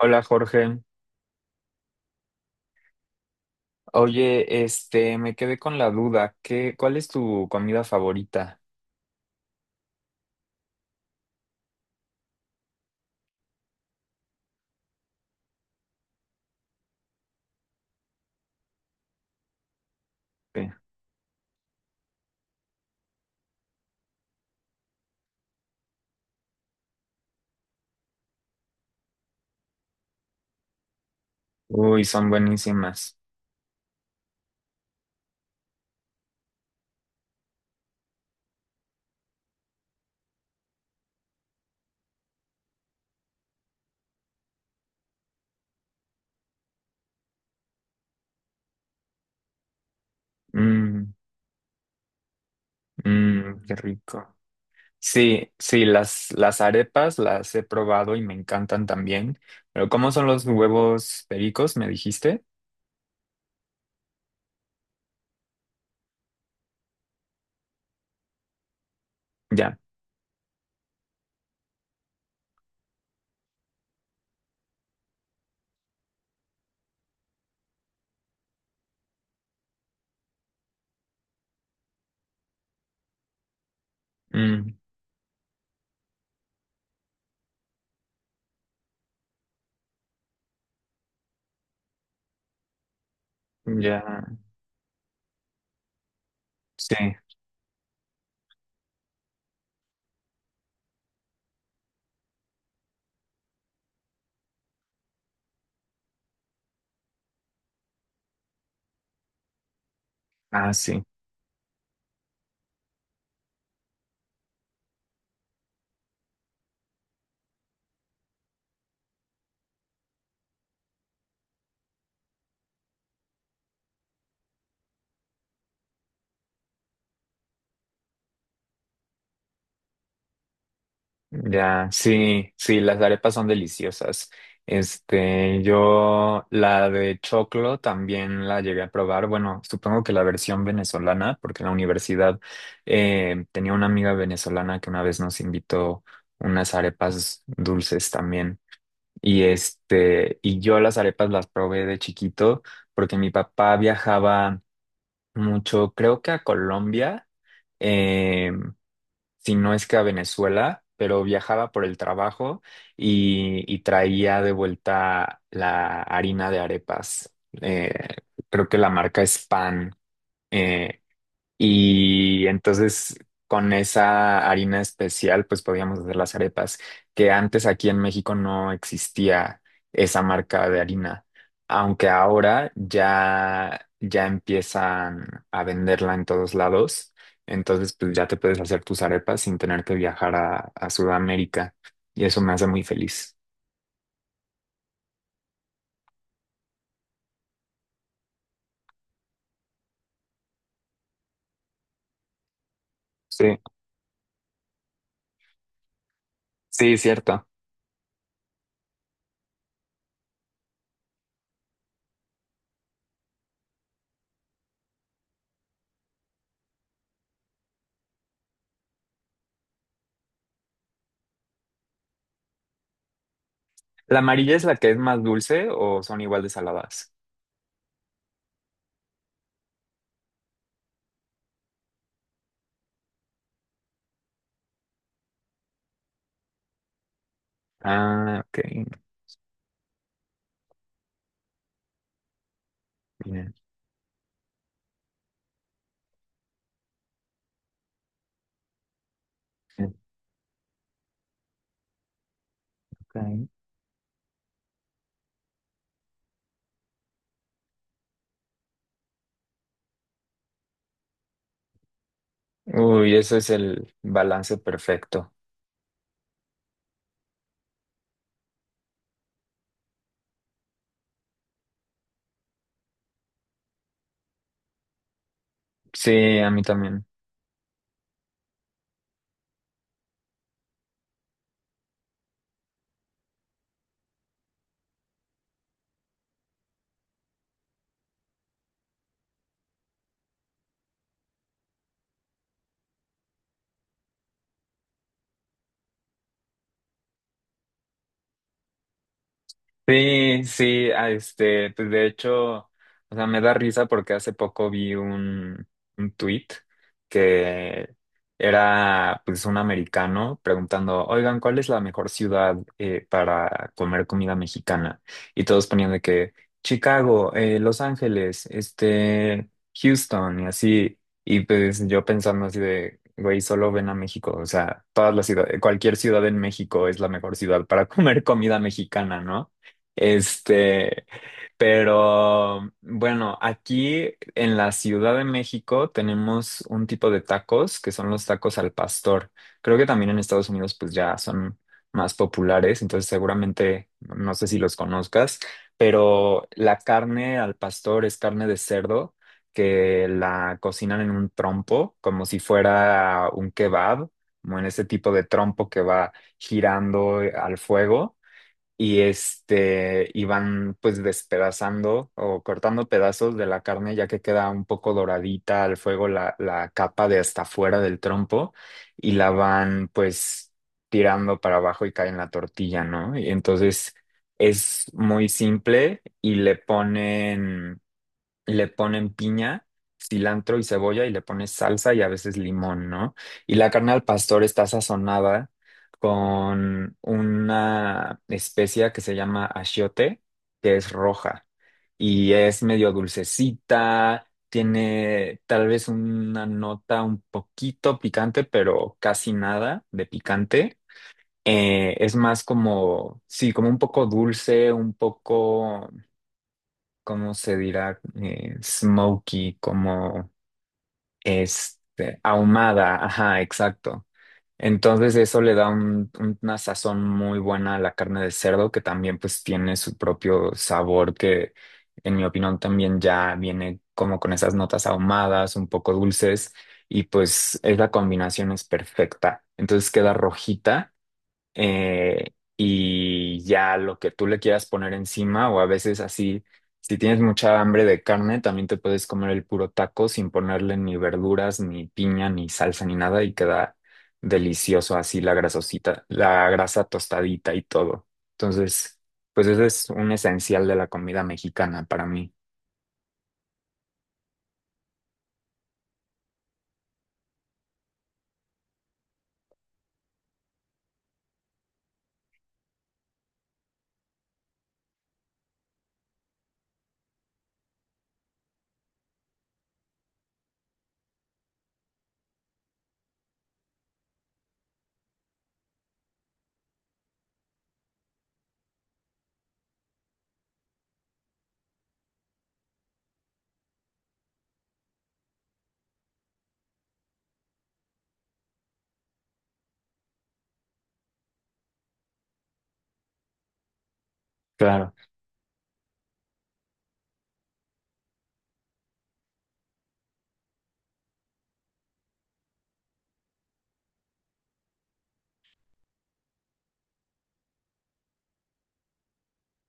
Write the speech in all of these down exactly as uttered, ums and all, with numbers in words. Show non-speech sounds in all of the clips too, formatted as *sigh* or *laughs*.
Hola Jorge. Oye, este, me quedé con la duda. ¿Qué, cuál es tu comida favorita? Sí. Uy, son buenísimas. Mm, mm, qué rico. Sí, sí, las, las arepas las he probado y me encantan también. Pero ¿cómo son los huevos pericos? ¿Me dijiste? Ya. Mm, ya. Sí. Ah, sí. Ya, sí, sí, las arepas son deliciosas. Este, yo la de choclo también la llegué a probar. Bueno, supongo que la versión venezolana, porque en la universidad eh, tenía una amiga venezolana que una vez nos invitó unas arepas dulces también. Y este, y yo las arepas las probé de chiquito porque mi papá viajaba mucho, creo que a Colombia. eh, si no es que a Venezuela, pero viajaba por el trabajo y, y traía de vuelta la harina de arepas. Eh, Creo que la marca es Pan. eh, y entonces con esa harina especial pues podíamos hacer las arepas, que antes aquí en México no existía esa marca de harina, aunque ahora ya ya empiezan a venderla en todos lados, entonces pues ya te puedes hacer tus arepas sin tener que viajar a, a Sudamérica y eso me hace muy feliz. Sí, sí, cierto. ¿La amarilla es la que es más dulce o son igual de saladas? Ah, ok. Bien. Ok. Uy, ese es el balance perfecto. Sí, a mí también. Sí, sí, ah, este, pues de hecho, o sea, me da risa porque hace poco vi un, un tweet que era pues un americano preguntando, oigan, ¿cuál es la mejor ciudad eh, para comer comida mexicana? Y todos ponían de que Chicago, eh, Los Ángeles, este, Houston y así. Y pues yo pensando así de, güey, solo ven a México, o sea, todas las ciudades, cualquier ciudad en México es la mejor ciudad para *laughs* comer comida mexicana, ¿no? Este, pero bueno, aquí en la Ciudad de México tenemos un tipo de tacos que son los tacos al pastor. Creo que también en Estados Unidos pues ya son más populares, entonces seguramente no sé si los conozcas, pero la carne al pastor es carne de cerdo que la cocinan en un trompo como si fuera un kebab, como en ese tipo de trompo que va girando al fuego y este y van pues despedazando o cortando pedazos de la carne ya que queda un poco doradita al fuego la, la capa de hasta fuera del trompo y la van pues tirando para abajo y cae en la tortilla, ¿no? Y entonces es muy simple y le ponen le ponen piña, cilantro y cebolla y le pones salsa y a veces limón, ¿no? Y la carne al pastor está sazonada con una especia que se llama achiote, que es roja y es medio dulcecita, tiene tal vez una nota un poquito picante, pero casi nada de picante. Eh, es más como, sí, como un poco dulce, un poco ¿cómo se dirá? Eh, smoky, como este, ahumada, ajá, exacto. Entonces eso le da un- una sazón muy buena a la carne de cerdo, que también pues tiene su propio sabor, que en mi opinión también ya viene como con esas notas ahumadas, un poco dulces, y pues es la combinación es perfecta. Entonces queda rojita eh, y ya lo que tú le quieras poner encima o a veces así, si tienes mucha hambre de carne, también te puedes comer el puro taco sin ponerle ni verduras, ni piña, ni salsa, ni nada y queda delicioso así la grasosita, la grasa tostadita y todo. Entonces, pues ese es un esencial de la comida mexicana para mí. Claro,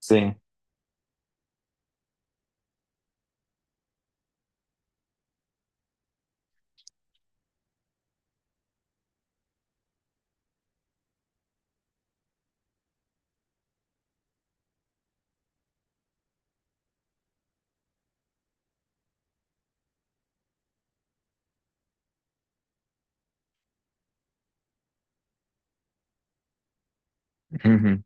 sí. Ujú.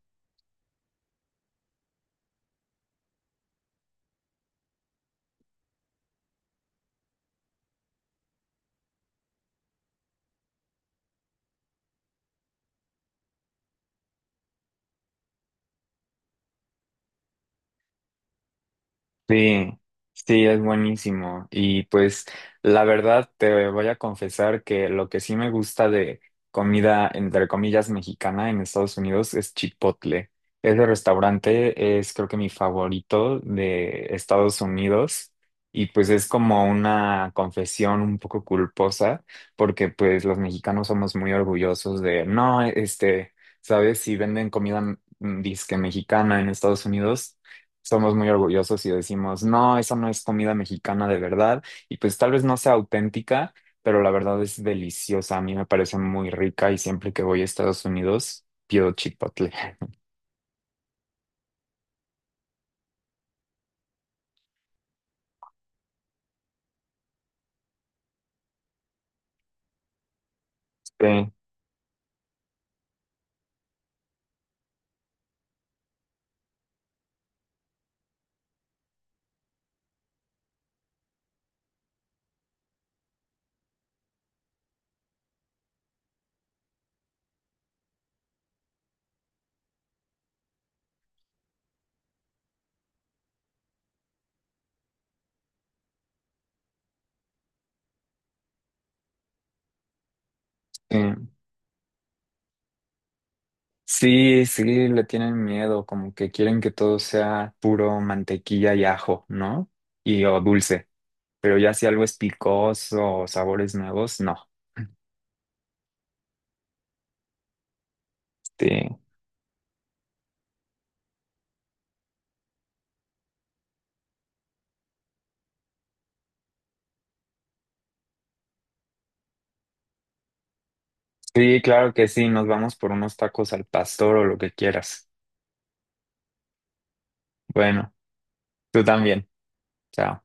Sí, sí, es buenísimo. Y pues la verdad te voy a confesar que lo que sí me gusta de comida, entre comillas, mexicana en Estados Unidos es Chipotle. Ese restaurante es creo que mi favorito de Estados Unidos y pues es como una confesión un poco culposa porque pues los mexicanos somos muy orgullosos de, no, este, ¿sabes? Si venden comida mm, disque mexicana en Estados Unidos somos muy orgullosos y decimos, no, esa no es comida mexicana de verdad, y pues tal vez no sea auténtica, pero la verdad es deliciosa, a mí me parece muy rica y siempre que voy a Estados Unidos pido Chipotle. *laughs* Sí, sí. Sí, sí, le tienen miedo, como que quieren que todo sea puro mantequilla y ajo, ¿no? Y o dulce, pero ya si algo es picoso o sabores nuevos, no. Sí. Sí, claro que sí, nos vamos por unos tacos al pastor o lo que quieras. Bueno. Tú también. Chao.